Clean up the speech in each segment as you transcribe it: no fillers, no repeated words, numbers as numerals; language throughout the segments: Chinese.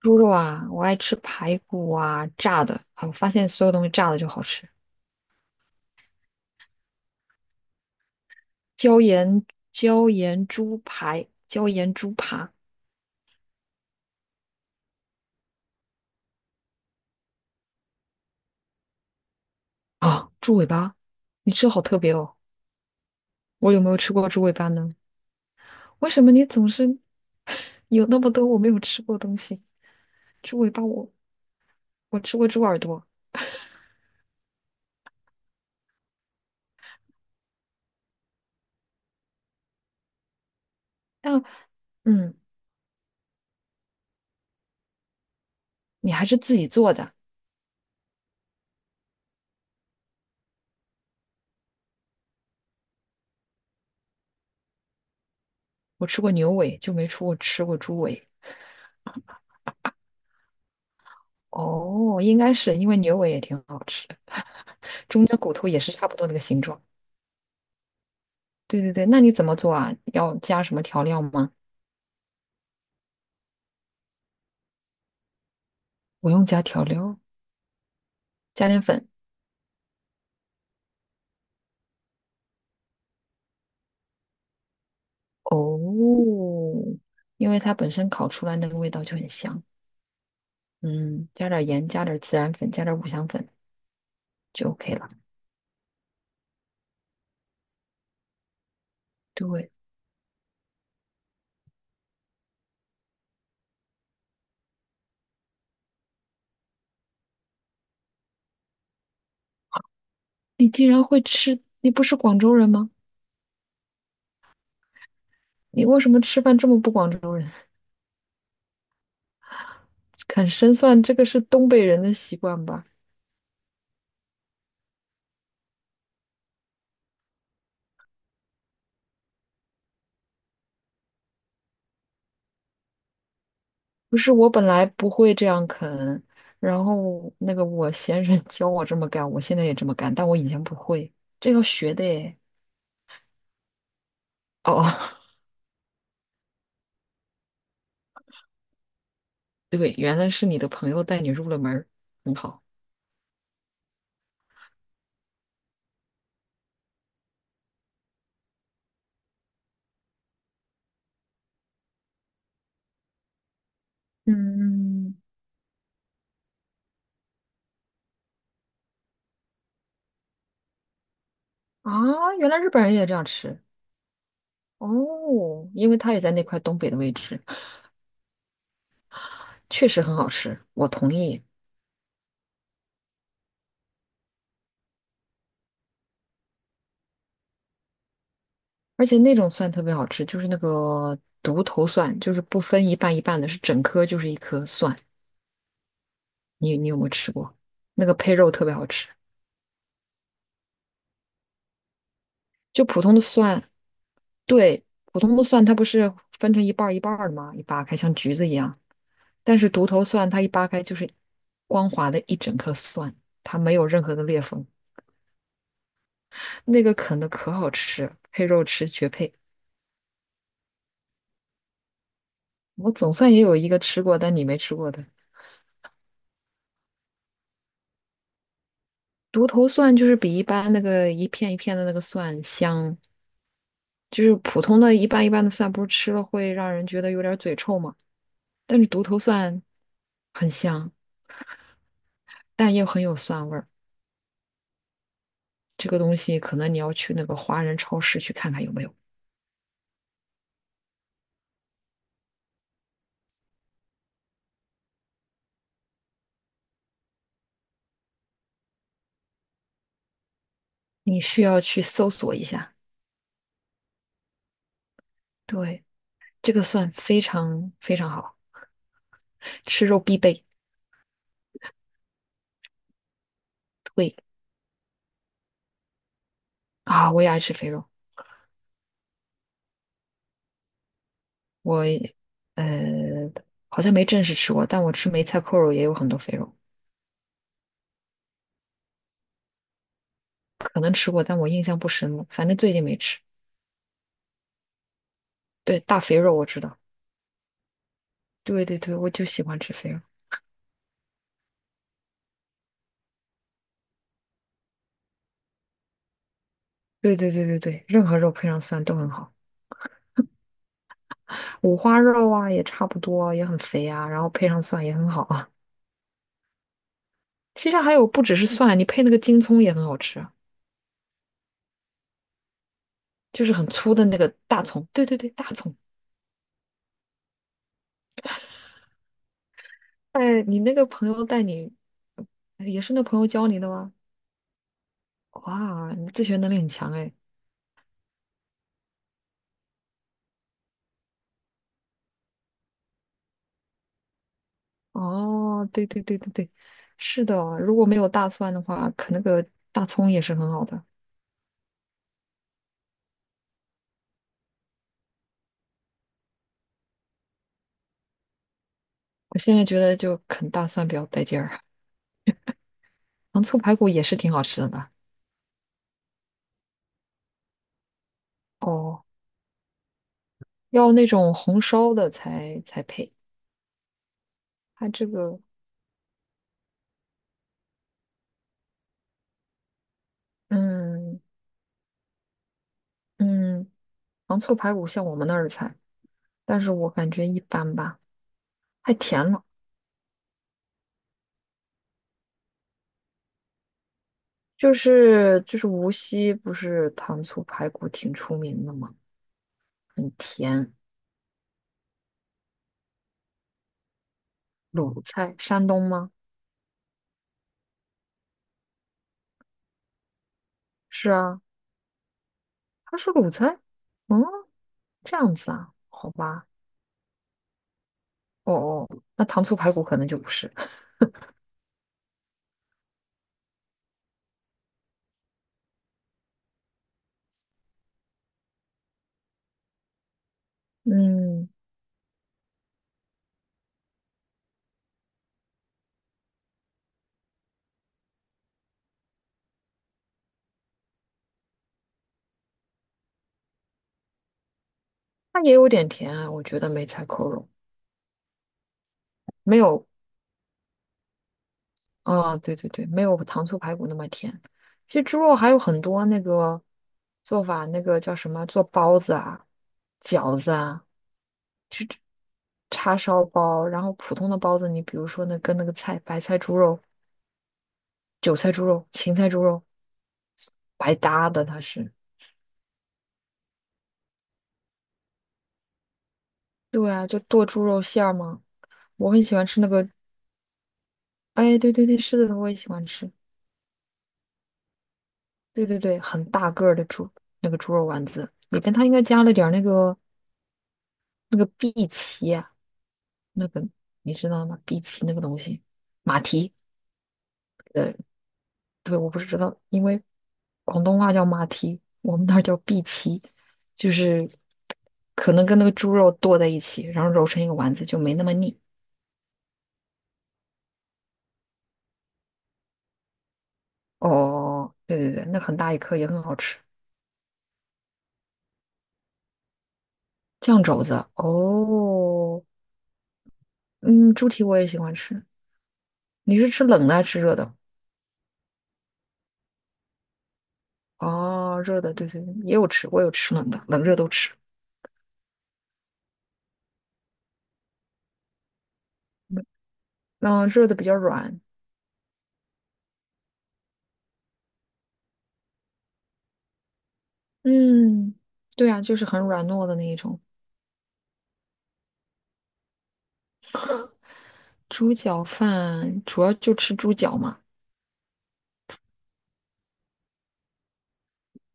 猪肉啊，我爱吃排骨啊，炸的啊，我发现所有东西炸的就好吃。椒盐猪排，椒盐猪扒。啊，猪尾巴，你吃好特别哦。我有没有吃过猪尾巴呢？为什么你总是 有那么多我没有吃过的东西？猪尾巴我吃过猪耳朵，但嗯，你还是自己做的。我吃过牛尾，就没出过吃过猪尾。哦，应该是因为牛尾也挺好吃的，中间骨头也是差不多那个形状。对对对，那你怎么做啊？要加什么调料吗？不用加调料，加点粉。哦，因为它本身烤出来那个味道就很香。嗯，加点盐，加点孜然粉，加点五香粉就 OK 了。对，你竟然会吃，你不是广州人吗？你为什么吃饭这么不广州人？啃生蒜，这个是东北人的习惯吧？不是，我本来不会这样啃，然后那个我先生 教我这么干，我现在也这么干，但我以前不会，这要学的诶。哦，对，原来是你的朋友带你入了门儿，很好。嗯，啊，原来日本人也这样吃。哦，因为他也在那块东北的位置，确实很好吃，我同意。而且那种蒜特别好吃，就是那个独头蒜，就是不分一半一半的，是整颗就是一颗蒜。你有没有吃过？那个配肉特别好吃，就普通的蒜，对，普通的蒜它不是分成一半儿一半儿的吗？一扒开像橘子一样，但是独头蒜它一扒开就是光滑的一整颗蒜，它没有任何的裂缝，那个啃的可好吃，配肉吃绝配。我总算也有一个吃过，但你没吃过的独头蒜，就是比一般那个一片一片的那个蒜香，就是普通的一瓣一瓣的蒜，不是吃了会让人觉得有点嘴臭嘛？但是独头蒜很香，但又很有蒜味儿。这个东西可能你要去那个华人超市去看看有没有，你需要去搜索一下。对。这个蒜非常非常好，吃肉必备。对啊，我也爱吃肥肉，我呃好像没正式吃过，但我吃梅菜扣肉也有很多肥肉，可能吃过，但我印象不深了，反正最近没吃。对，大肥肉我知道。对对对，我就喜欢吃肥肉。对对对对对，任何肉配上蒜都很好，五花肉啊也差不多，也很肥啊，然后配上蒜也很好啊。其实还有不只是蒜，你配那个京葱也很好吃啊，就是很粗的那个大葱。对对对，大葱。哎，你那个朋友带你，哎也是那朋友教你的吗？哇，你自学能力很强哎。哦，对对对对对，是的哦，如果没有大蒜的话，啃那个大葱也是很好的。我现在觉得就啃大蒜比较带劲儿，糖醋排骨也是挺好吃的吧？哦，要那种红烧的才配。它这个，嗯嗯，糖醋排骨像我们那儿的菜，但是我感觉一般吧，太甜了。就是无锡不是糖醋排骨挺出名的吗？很甜，鲁菜，山东吗？是啊，它是鲁菜。嗯，这样子啊，好吧。哦哦，那糖醋排骨可能就不是。嗯，它也有点甜啊，我觉得梅菜扣肉没有啊，对对对，没有糖醋排骨那么甜。其实猪肉还有很多那个做法，那个叫什么，做包子啊、饺子啊。叉烧包，然后普通的包子，你比如说那跟那个菜，白菜猪肉、韭菜猪肉、芹菜猪肉白搭的，它是。对啊，就剁猪肉馅儿嘛。我很喜欢吃那个，哎，对对对，是的，我也喜欢吃。对对对，很大个儿的猪，那个猪肉丸子里边它应该加了点儿那个荸荠啊，那个你知道吗？荸荠那个东西，马蹄，呃，对，我不知道，因为广东话叫马蹄，我们那儿叫碧蹄，就是可能跟那个猪肉剁在一起，然后揉成一个丸子，就没那么腻。哦，对对对，那很大一颗也很好吃。酱肘子，哦，嗯，猪蹄我也喜欢吃。你是吃冷的还是吃热的？哦，热的，对对对，也有吃，我有吃冷的，冷热都吃。嗯，热的比较软。嗯，对啊，就是很软糯的那一种。猪脚饭主要就吃猪脚嘛。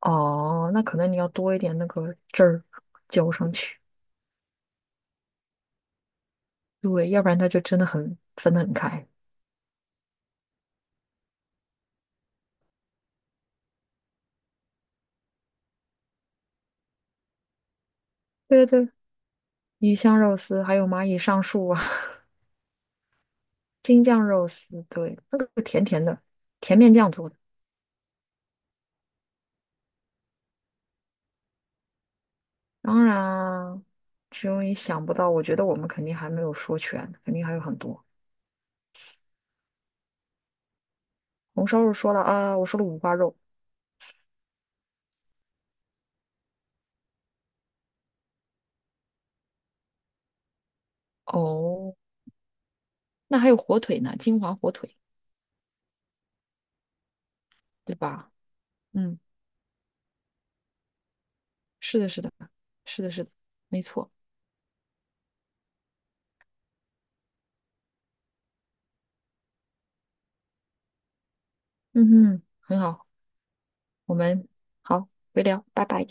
哦，那可能你要多一点那个汁儿浇上去，对，要不然它就真的很分得很开。对对，鱼香肉丝还有蚂蚁上树啊，京酱肉丝，对，那个甜甜的，甜面酱做的。当然啊，只有你想不到，我觉得我们肯定还没有说全，肯定还有很多。红烧肉说了啊，我说了五花肉，哦，那还有火腿呢，金华火腿，对吧？嗯，是的，是的，是的，是的，没错。嗯哼，很好。我们好，回聊，拜拜。